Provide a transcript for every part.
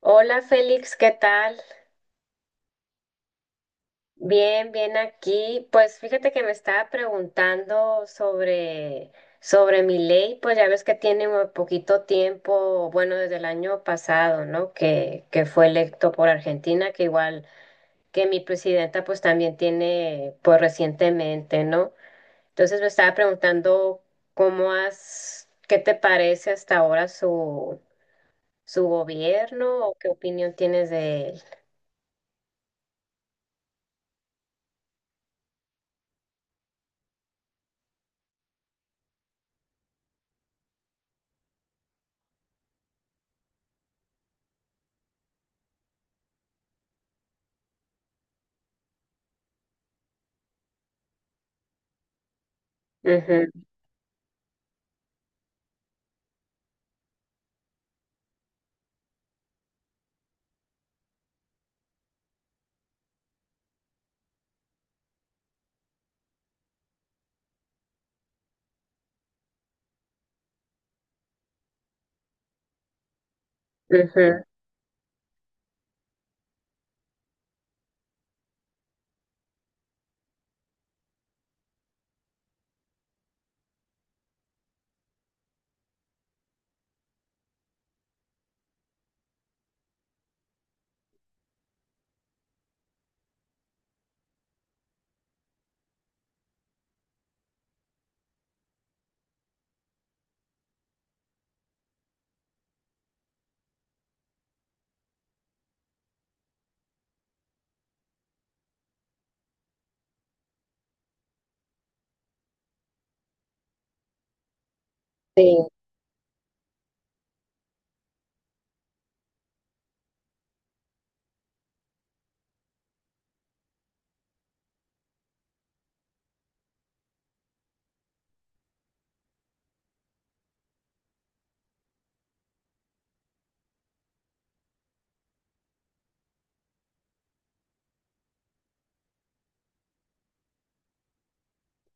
Hola Félix, ¿qué tal? Bien, bien aquí. Pues fíjate que me estaba preguntando sobre mi ley, pues ya ves que tiene un poquito tiempo, bueno, desde el año pasado, ¿no? Que fue electo por Argentina, que igual que mi presidenta pues también tiene, pues recientemente, ¿no? Entonces me estaba preguntando cómo has, qué te parece hasta ahora su gobierno o qué opinión tienes de él. Ujú, ujú, sí.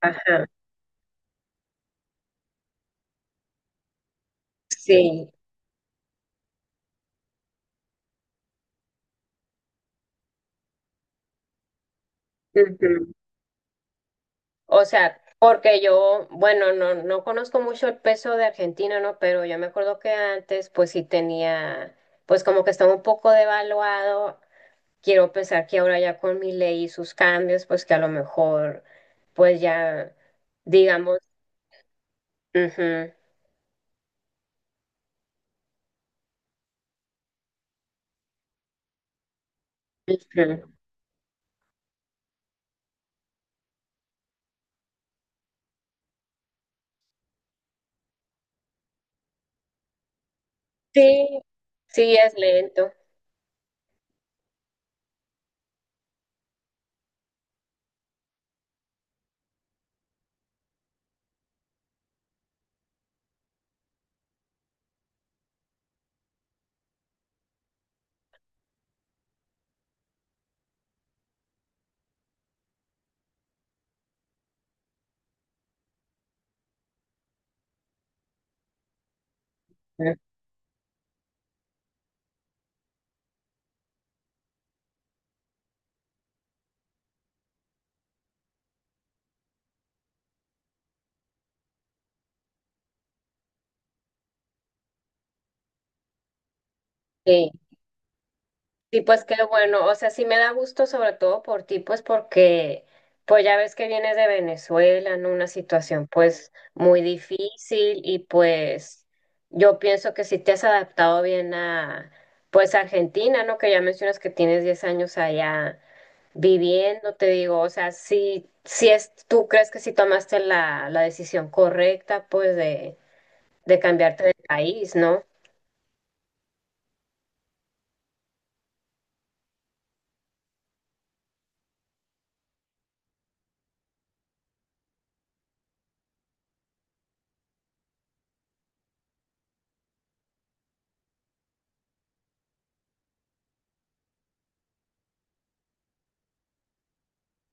Ajá. Sí. Ujú. O sea, porque yo, bueno, no conozco mucho el peso de Argentina, ¿no? Pero yo me acuerdo que antes, pues sí tenía, pues como que estaba un poco devaluado. Quiero pensar que ahora ya con mi ley y sus cambios, pues que a lo mejor, pues ya, digamos, ujú, ujú. Sí, sí es lento. Ujú. Sí. Sí, pues qué bueno, o sea, sí me da gusto sobre todo por ti, pues porque pues ya ves que vienes de Venezuela en una situación pues muy difícil y pues yo pienso que sí te has adaptado bien a pues Argentina, ¿no? Que ya mencionas que tienes 10 años allá viviendo, te digo, o sea, sí, sí es, tú crees que sí tomaste la decisión correcta pues de cambiarte de país, ¿no?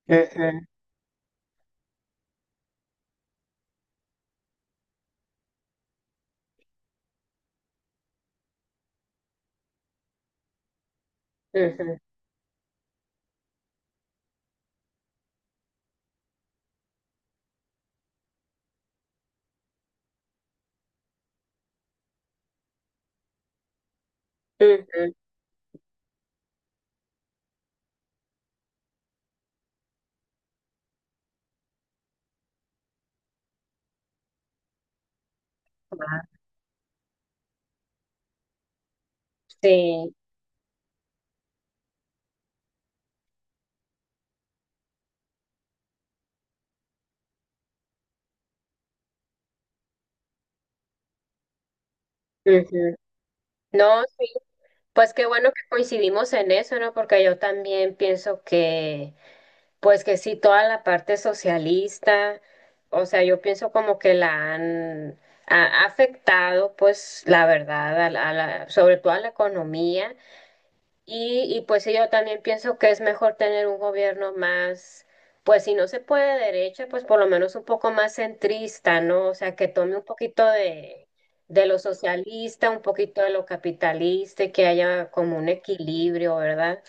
Eh, eh, Ujú, ujú. Ah, sí. Ujú. No, sí, pues qué bueno que coincidimos en eso, ¿no? Porque yo también pienso que, pues que sí, toda la parte socialista, o sea, yo pienso como que la han ha ha afectado, pues la verdad, a la- sobre todo a la economía. Y pues sí, yo también pienso que es mejor tener un gobierno más, pues si no se puede de derecha, pues por lo menos un poco más centrista, ¿no? O sea, que tome un poquito de lo socialista, un poquito de lo capitalista, y que haya como un equilibrio, ¿verdad?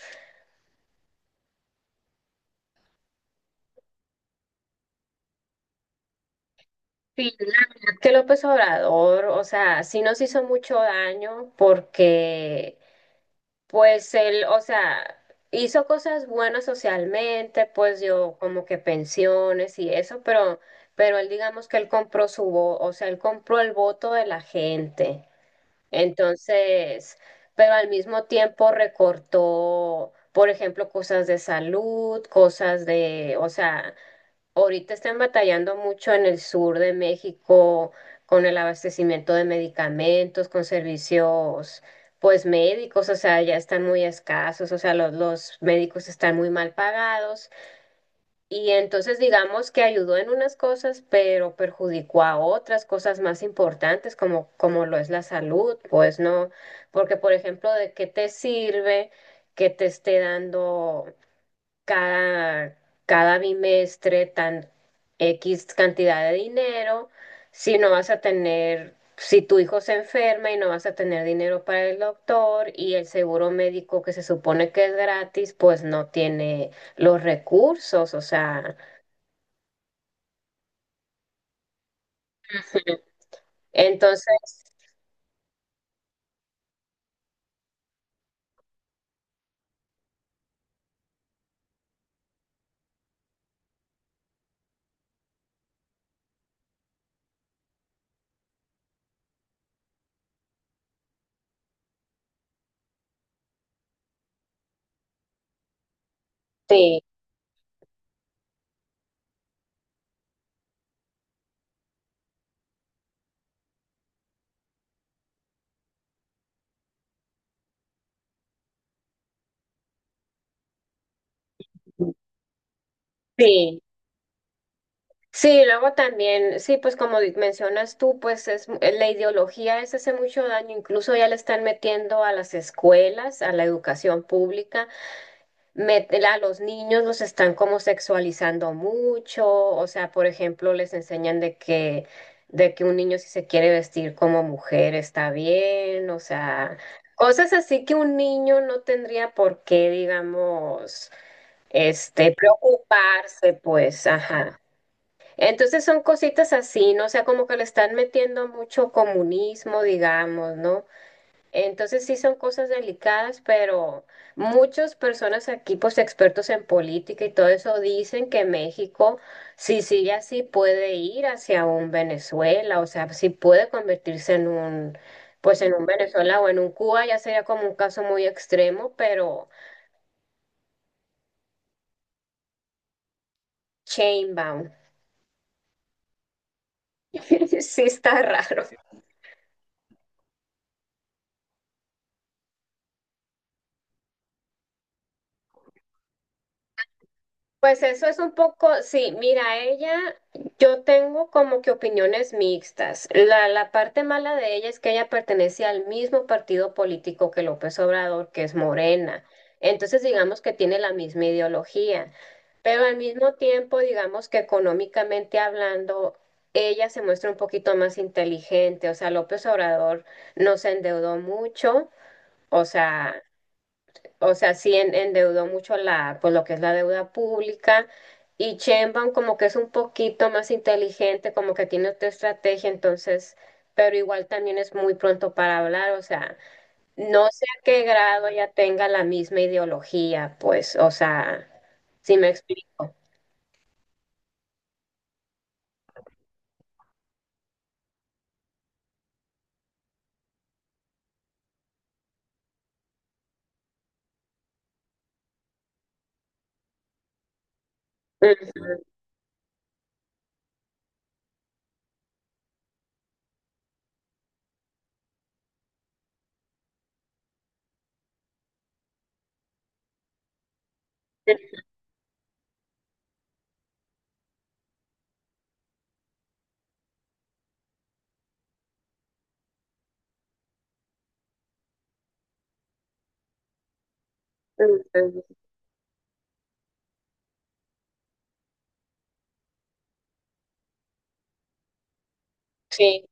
Sí, la verdad que López Obrador, o sea, sí nos hizo mucho daño porque pues él, o sea, hizo cosas buenas socialmente, pues dio como que pensiones y eso, pero él digamos que él compró su voto, o sea, él compró el voto de la gente. Entonces, pero al mismo tiempo recortó, por ejemplo, cosas de salud, cosas de, o sea, ahorita están batallando mucho en el sur de México con el abastecimiento de medicamentos, con servicios, pues médicos, o sea, ya están muy escasos, o sea, los médicos están muy mal pagados y entonces digamos que ayudó en unas cosas, pero perjudicó a otras cosas más importantes como, como lo es la salud, pues no, porque por ejemplo, ¿de qué te sirve que te esté dando? cada, Cada bimestre tan X cantidad de dinero, si no vas a tener, si tu hijo se enferma y no vas a tener dinero para el doctor y el seguro médico que se supone que es gratis, pues no tiene los recursos, o sea, entonces, sí, sí. Sí, luego también, sí, pues como di- mencionas tú, pues es mu- la ideología es hace mucho daño, incluso ya le están metiendo a las escuelas, a la educación pública, met- a los niños los están como sexualizando mucho, o sea, por ejemplo, les enseñan de que un niño si se quiere vestir como mujer está bien, o sea, cosas así que un niño no tendría por qué, digamos, este, preocuparse, pues, ajá. Entonces son cositas así, ¿no? O sea, como que le están metiendo mucho comunismo, digamos, ¿no? Entonces sí son cosas delicadas, pero muchas personas aquí, pues expertos en política y todo eso, dicen que México, si sigue así, puede ir hacia un Venezuela, o sea, sí puede convertirse en un, pues en un Venezuela o en un Cuba, ya sería como un caso muy extremo, pero chainbound, sí está raro. Pues eso es un poco, sí, mira, ella, yo tengo como que opiniones mixtas. La parte mala de ella es que ella pertenece al mismo partido político que López Obrador, que es Morena. Entonces, digamos que tiene la misma ideología, pero al mismo tiempo, digamos que económicamente hablando, ella se muestra un poquito más inteligente. O sea, López Obrador no se endeudó mucho. O sea, o sea, sí en- endeudó mucho la, pues lo que es la deuda pública. Y Sheinbaum como que es un poquito más inteligente, como que tiene otra estrategia, entonces, pero igual también es muy pronto para hablar, o sea, no sé a qué grado ya tenga la misma ideología, pues, o sea, si me explico. Ujú. Ujú. Sí.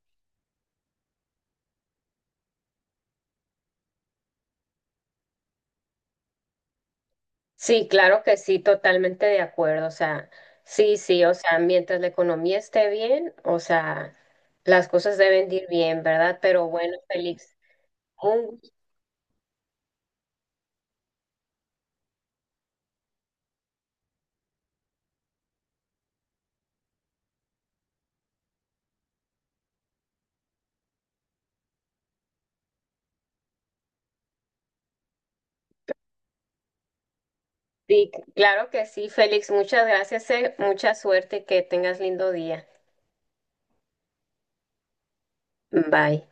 Sí, claro que sí, totalmente de acuerdo. O sea, sí, sí, o sea, mientras la economía esté bien, o sea, las cosas deben de ir bien, ¿verdad? Pero bueno, Félix, un, sí, claro que sí, Félix, muchas gracias, mucha suerte y que tengas lindo día. Bye.